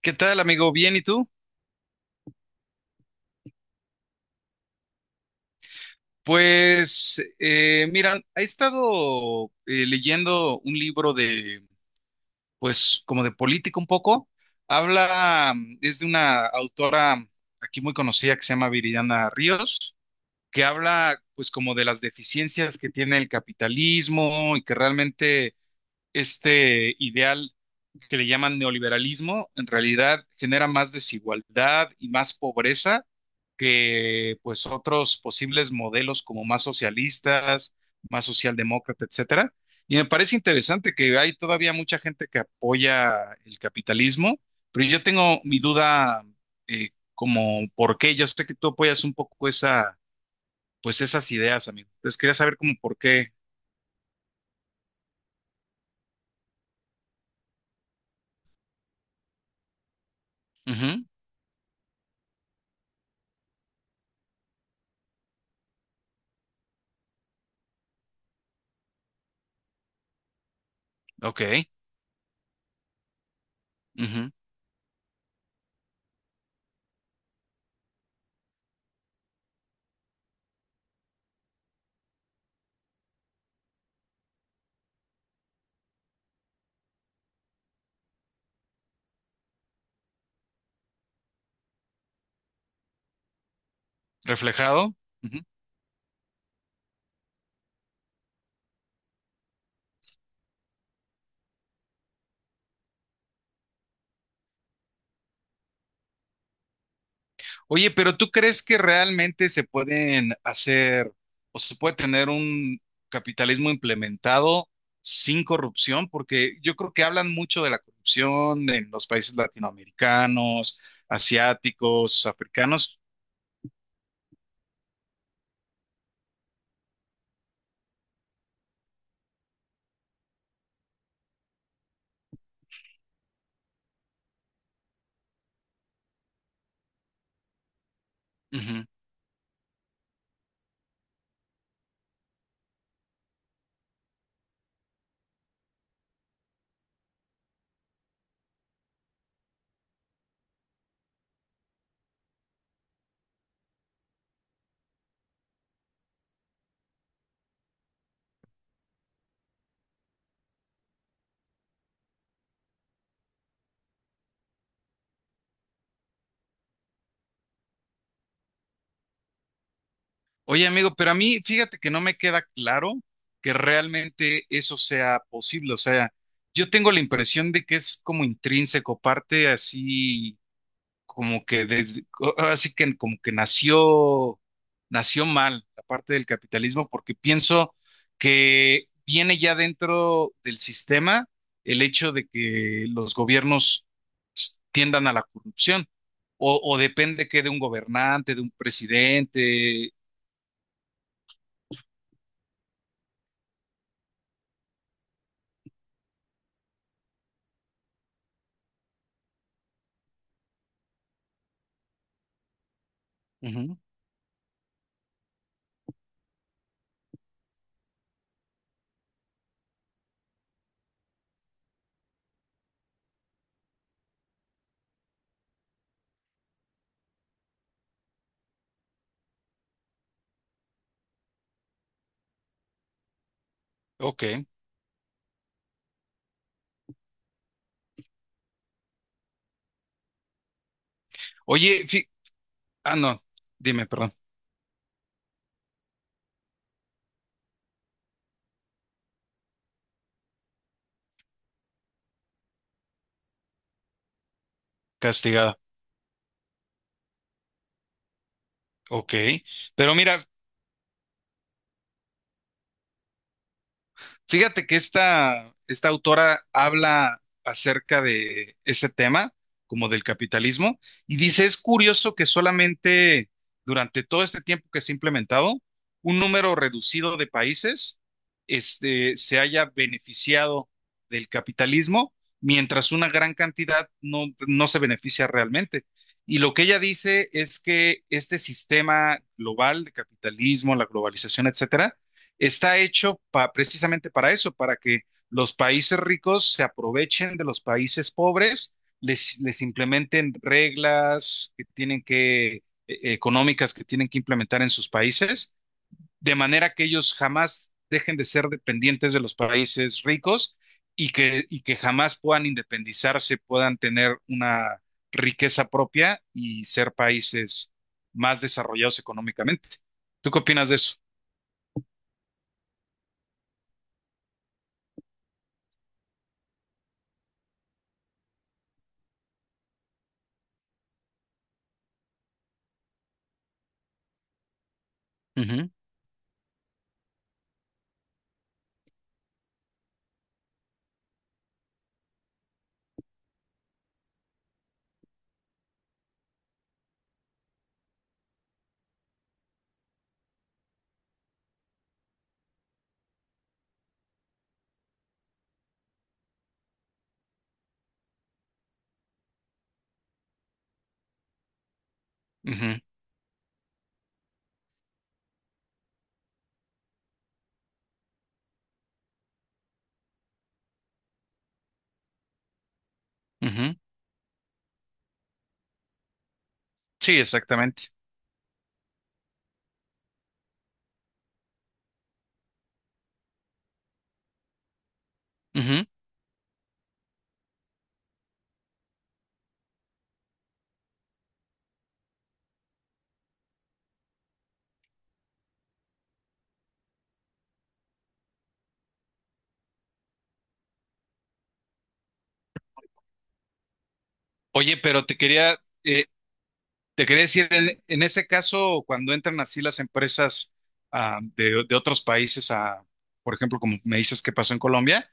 ¿Qué tal, amigo? ¿Bien y tú? Pues, mira, he estado leyendo un libro de, pues, como de política un poco. Habla, es de una autora aquí muy conocida que se llama Viridiana Ríos, que habla, pues, como de las deficiencias que tiene el capitalismo y que realmente este ideal que le llaman neoliberalismo, en realidad genera más desigualdad y más pobreza que pues otros posibles modelos como más socialistas, más socialdemócrata, etcétera. Y me parece interesante que hay todavía mucha gente que apoya el capitalismo, pero yo tengo mi duda como por qué. Yo sé que tú apoyas un poco pues esas ideas, amigo. Entonces quería saber como por qué. Ujú. Ok. Ujú. Reflejado. Ujú. Oye, pero ¿tú crees que realmente se pueden hacer o se puede tener un capitalismo implementado sin corrupción? Porque yo creo que hablan mucho de la corrupción en los países latinoamericanos, asiáticos, africanos. Ujú. Oye, amigo, pero a mí fíjate que no me queda claro que realmente eso sea posible. O sea, yo tengo la impresión de que es como intrínseco, parte así como que desde, ahora sí que como que nació, nació mal la parte del capitalismo, porque pienso que viene ya dentro del sistema el hecho de que los gobiernos tiendan a la corrupción, o depende que de un gobernante, de un presidente. Ujú. Ok. Oye, ah, no, dime, perdón. Castigada. Ok, pero mira, fíjate que esta autora habla acerca de ese tema, como del capitalismo, y dice, es curioso que solamente durante todo este tiempo que se ha implementado, un número reducido de países se haya beneficiado del capitalismo, mientras una gran cantidad no, no se beneficia realmente. Y lo que ella dice es que este sistema global de capitalismo, la globalización, etcétera, está hecho precisamente para eso, para que los países ricos se aprovechen de los países pobres, les implementen reglas que tienen que, económicas que tienen que implementar en sus países, de manera que ellos jamás dejen de ser dependientes de los países ricos y que jamás puedan independizarse, puedan tener una riqueza propia y ser países más desarrollados económicamente. ¿Tú qué opinas de eso? Ujú, ujú, ujú. Sí, exactamente. Ujú. Oye, pero eh, te quería decir, en ese caso, cuando entran así las empresas de otros países a, por ejemplo, como me dices que pasó en Colombia,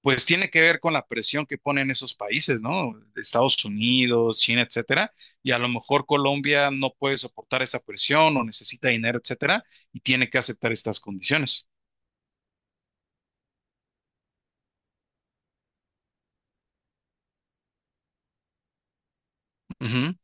pues tiene que ver con la presión que ponen esos países, ¿no? Estados Unidos, China, etcétera, y a lo mejor Colombia no puede soportar esa presión o necesita dinero, etcétera, y tiene que aceptar estas condiciones. Ujú.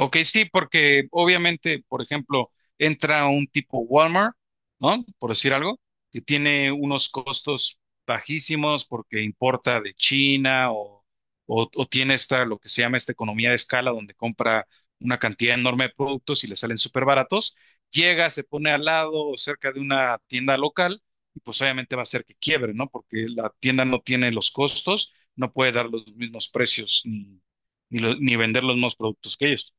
Ok, sí, porque obviamente, por ejemplo, entra un tipo Walmart, ¿no? Por decir algo, que tiene unos costos bajísimos porque importa de China o, o tiene lo que se llama esta economía de escala, donde compra una cantidad enorme de productos y le salen súper baratos. Llega, se pone al lado o cerca de una tienda local y pues obviamente va a ser que quiebre, ¿no? Porque la tienda no tiene los costos, no puede dar los mismos precios ni vender los mismos productos que ellos.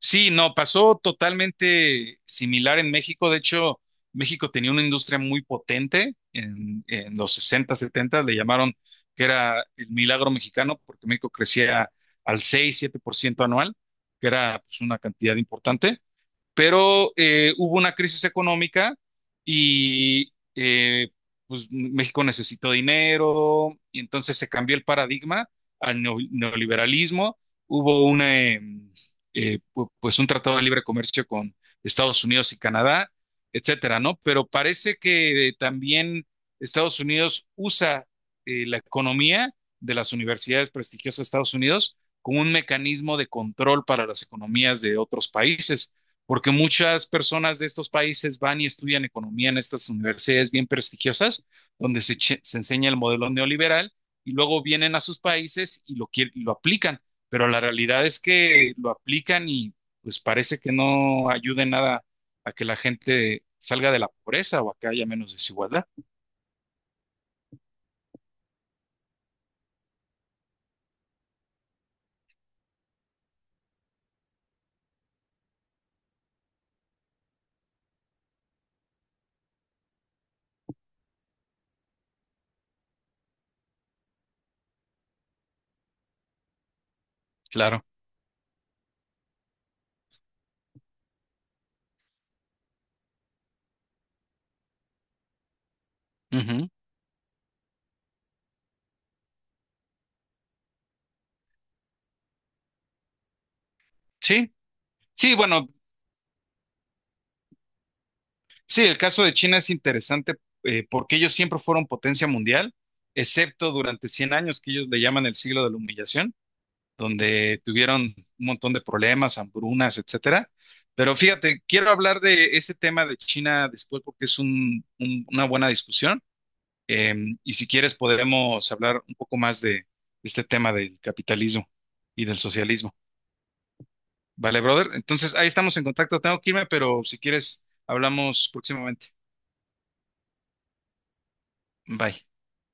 Sí, no, pasó totalmente similar en México. De hecho, México tenía una industria muy potente en los 60, 70, le llamaron que era el milagro mexicano, porque México crecía al 6, 7% anual, que era pues, una cantidad importante pero hubo una crisis económica y pues, México necesitó dinero y entonces se cambió el paradigma al neoliberalismo. Hubo pues un tratado de libre comercio con Estados Unidos y Canadá, etcétera, ¿no? Pero parece que también Estados Unidos usa la economía de las universidades prestigiosas de Estados Unidos como un mecanismo de control para las economías de otros países porque muchas personas de estos países van y estudian economía en estas universidades bien prestigiosas, donde se enseña el modelo neoliberal y luego vienen a sus países y lo aplican, pero la realidad es que lo aplican y pues parece que no ayude en nada a que la gente salga de la pobreza o a que haya menos desigualdad. Claro. Ujú. Sí, sí, bueno. Sí, el caso de China es interesante porque ellos siempre fueron potencia mundial, excepto durante 100 años que ellos le llaman el siglo de la humillación, donde tuvieron un montón de problemas, hambrunas, etcétera. Pero fíjate, quiero hablar de ese tema de China después porque es una buena discusión. eh, y si quieres podemos hablar un poco más de este tema del capitalismo y del socialismo. Vale, brother. Entonces ahí estamos en contacto. Tengo que irme, pero si quieres hablamos próximamente. Bye.